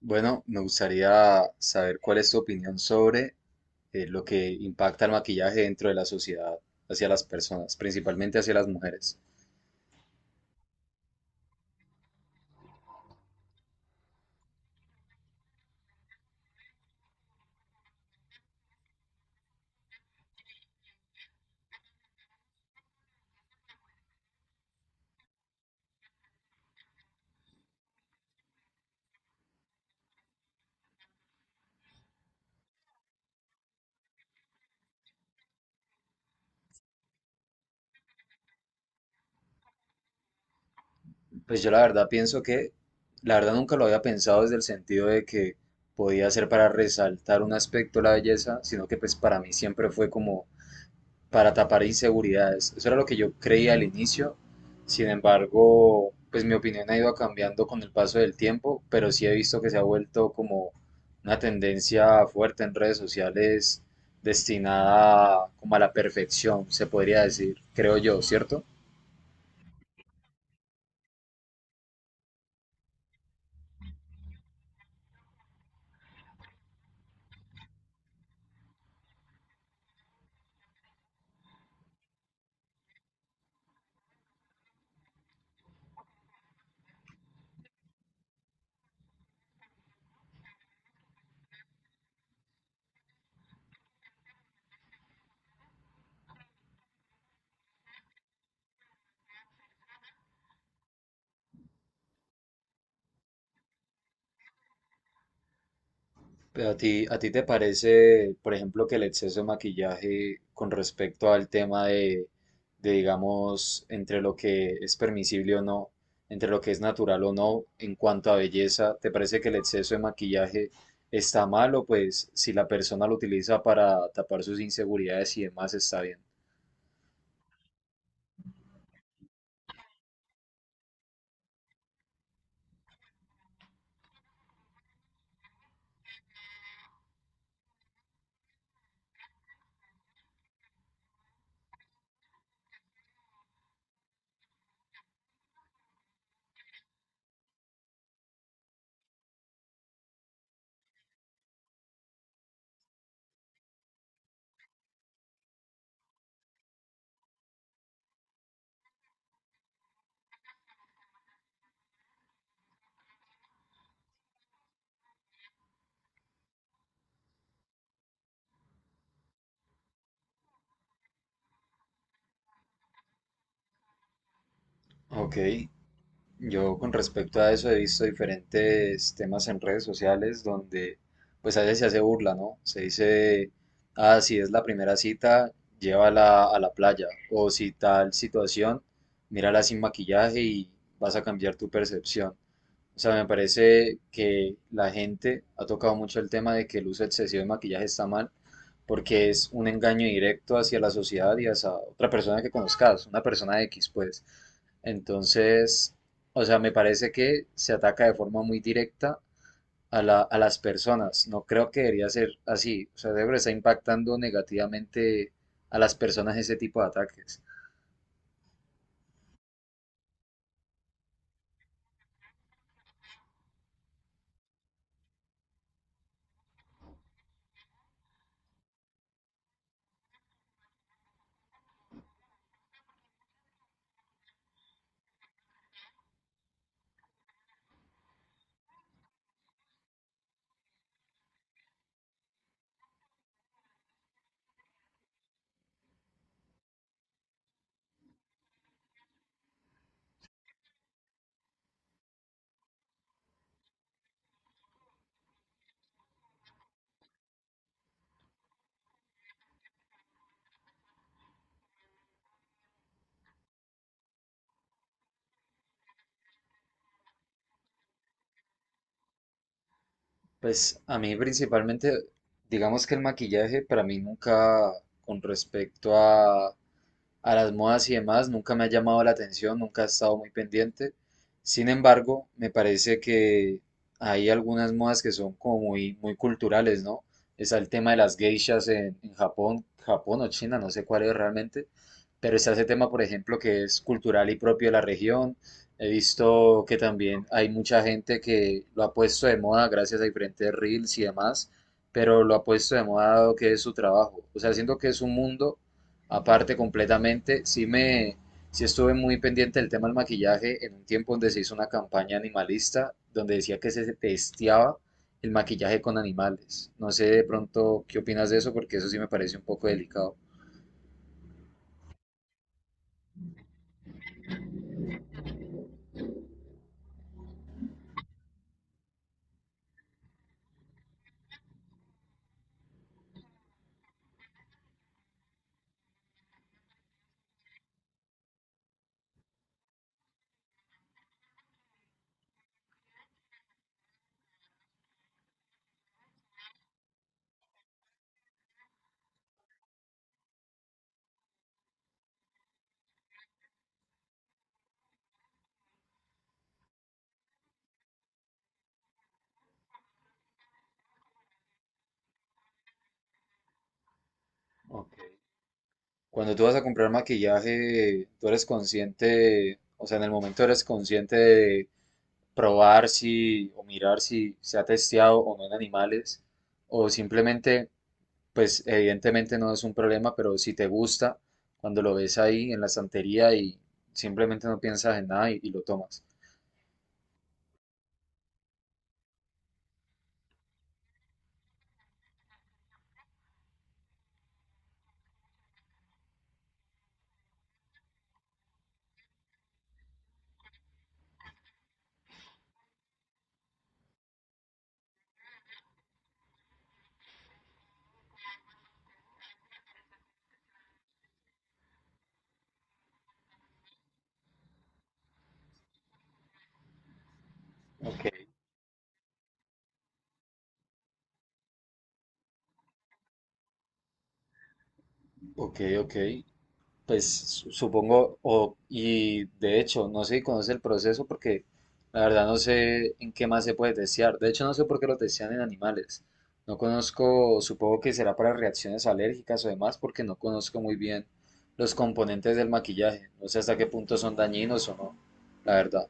Bueno, me gustaría saber cuál es tu opinión sobre lo que impacta el maquillaje dentro de la sociedad hacia las personas, principalmente hacia las mujeres. Pues yo la verdad pienso que, la verdad nunca lo había pensado desde el sentido de que podía ser para resaltar un aspecto de la belleza, sino que pues para mí siempre fue como para tapar inseguridades. Eso era lo que yo creía al inicio. Sin embargo, pues mi opinión ha ido cambiando con el paso del tiempo, pero sí he visto que se ha vuelto como una tendencia fuerte en redes sociales destinada como a la perfección, se podría decir, creo yo, ¿cierto? Pero ¿a ti te parece, por ejemplo, que el exceso de maquillaje con respecto al tema de, digamos, entre lo que es permisible o no, entre lo que es natural o no, en cuanto a belleza, te parece que el exceso de maquillaje está mal o pues si la persona lo utiliza para tapar sus inseguridades y demás está bien? Ok, yo con respecto a eso he visto diferentes temas en redes sociales donde pues a veces se hace burla, ¿no? Se dice, ah, si es la primera cita, llévala a la playa. O si tal situación, mírala sin maquillaje y vas a cambiar tu percepción. O sea, me parece que la gente ha tocado mucho el tema de que el uso excesivo de maquillaje está mal, porque es un engaño directo hacia la sociedad y hacia otra persona que conozcas, una persona X, pues. Entonces, o sea, me parece que se ataca de forma muy directa a la- a las personas. No creo que debería ser así. O sea, debe estar impactando negativamente a las personas ese tipo de ataques. Pues a mí principalmente, digamos que el maquillaje para mí nunca, con respecto a las modas y demás, nunca me ha llamado la atención, nunca he estado muy pendiente. Sin embargo, me parece que hay algunas modas que son como muy, muy culturales, ¿no? Está el tema de las geishas en Japón, Japón o China, no sé cuál es realmente, pero está ese tema, por ejemplo, que es cultural y propio de la región. He visto que también hay mucha gente que lo ha puesto de moda gracias a diferentes reels y demás, pero lo ha puesto de moda dado que es su trabajo. O sea, siento que es un mundo aparte completamente, sí me, sí estuve muy pendiente del tema del maquillaje en un tiempo donde se hizo una campaña animalista donde decía que se testeaba el maquillaje con animales. No sé de pronto qué opinas de eso porque eso sí me parece un poco delicado. Ok. Cuando tú vas a comprar maquillaje, tú eres consciente, o sea, en el momento eres consciente de probar si o mirar si se ha testeado o no en animales, o simplemente pues evidentemente no es un problema, pero si te gusta, cuando lo ves ahí en la estantería y simplemente no piensas en nada y, y lo tomas. Ok. Ok, ok. Pues su- supongo, o, y de hecho, no sé si conoce el proceso porque la verdad no sé en qué más se puede testear. De hecho, no sé por qué lo testean en animales. No conozco, supongo que será para reacciones alérgicas o demás, porque no conozco muy bien los componentes del maquillaje. No sé hasta qué punto son dañinos o no, la verdad.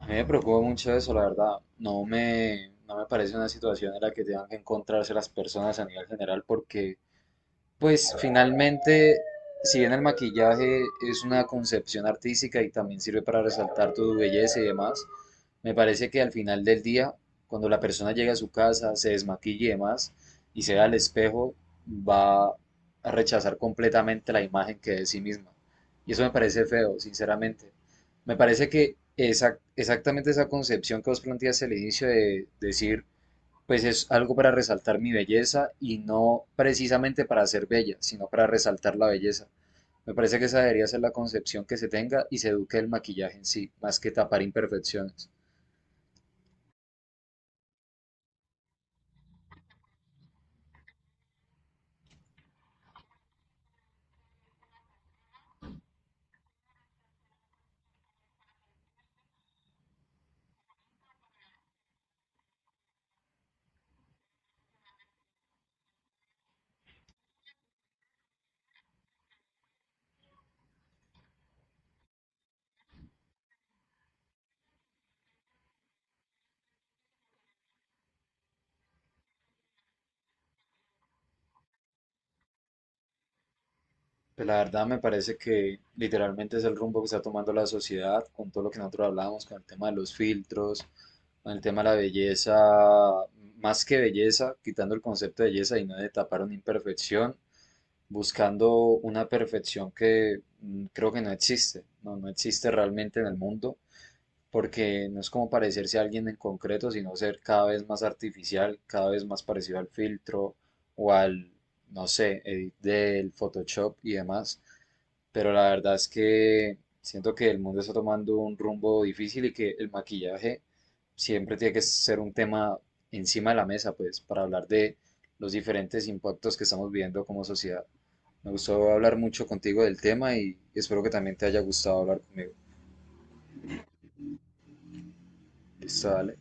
A mí me preocupa mucho eso, la verdad. No me, no me parece una situación en la que tengan que encontrarse las personas a nivel general porque pues finalmente, si bien el maquillaje es una concepción artística y también sirve para resaltar tu belleza y demás, me parece que al final del día, cuando la persona llega a su casa, se desmaquilla y demás, y se ve al espejo, va a rechazar completamente la imagen que es de sí misma. Y eso me parece feo, sinceramente. Me parece que esa- exactamente esa concepción que vos planteas al inicio de decir pues es algo para resaltar mi belleza y no precisamente para ser bella, sino para resaltar la belleza. Me parece que esa debería ser la concepción que se tenga y se eduque el maquillaje en sí, más que tapar imperfecciones. Pues la verdad me parece que literalmente es el rumbo que está tomando la sociedad con todo lo que nosotros hablábamos, con el tema de los filtros, con el tema de la belleza, más que belleza, quitando el concepto de belleza y no de tapar una imperfección, buscando una perfección que creo que no existe, no, no existe realmente en el mundo porque no es como parecerse a alguien en concreto, sino ser cada vez más artificial, cada vez más parecido al filtro o al, no sé, edit del Photoshop y demás. Pero la verdad es que siento que el mundo está tomando un rumbo difícil y que el maquillaje siempre tiene que ser un tema encima de la mesa, pues, para hablar de los diferentes impactos que estamos viviendo como sociedad. Me gustó hablar mucho contigo del tema y espero que también te haya gustado hablar conmigo. Listo, dale.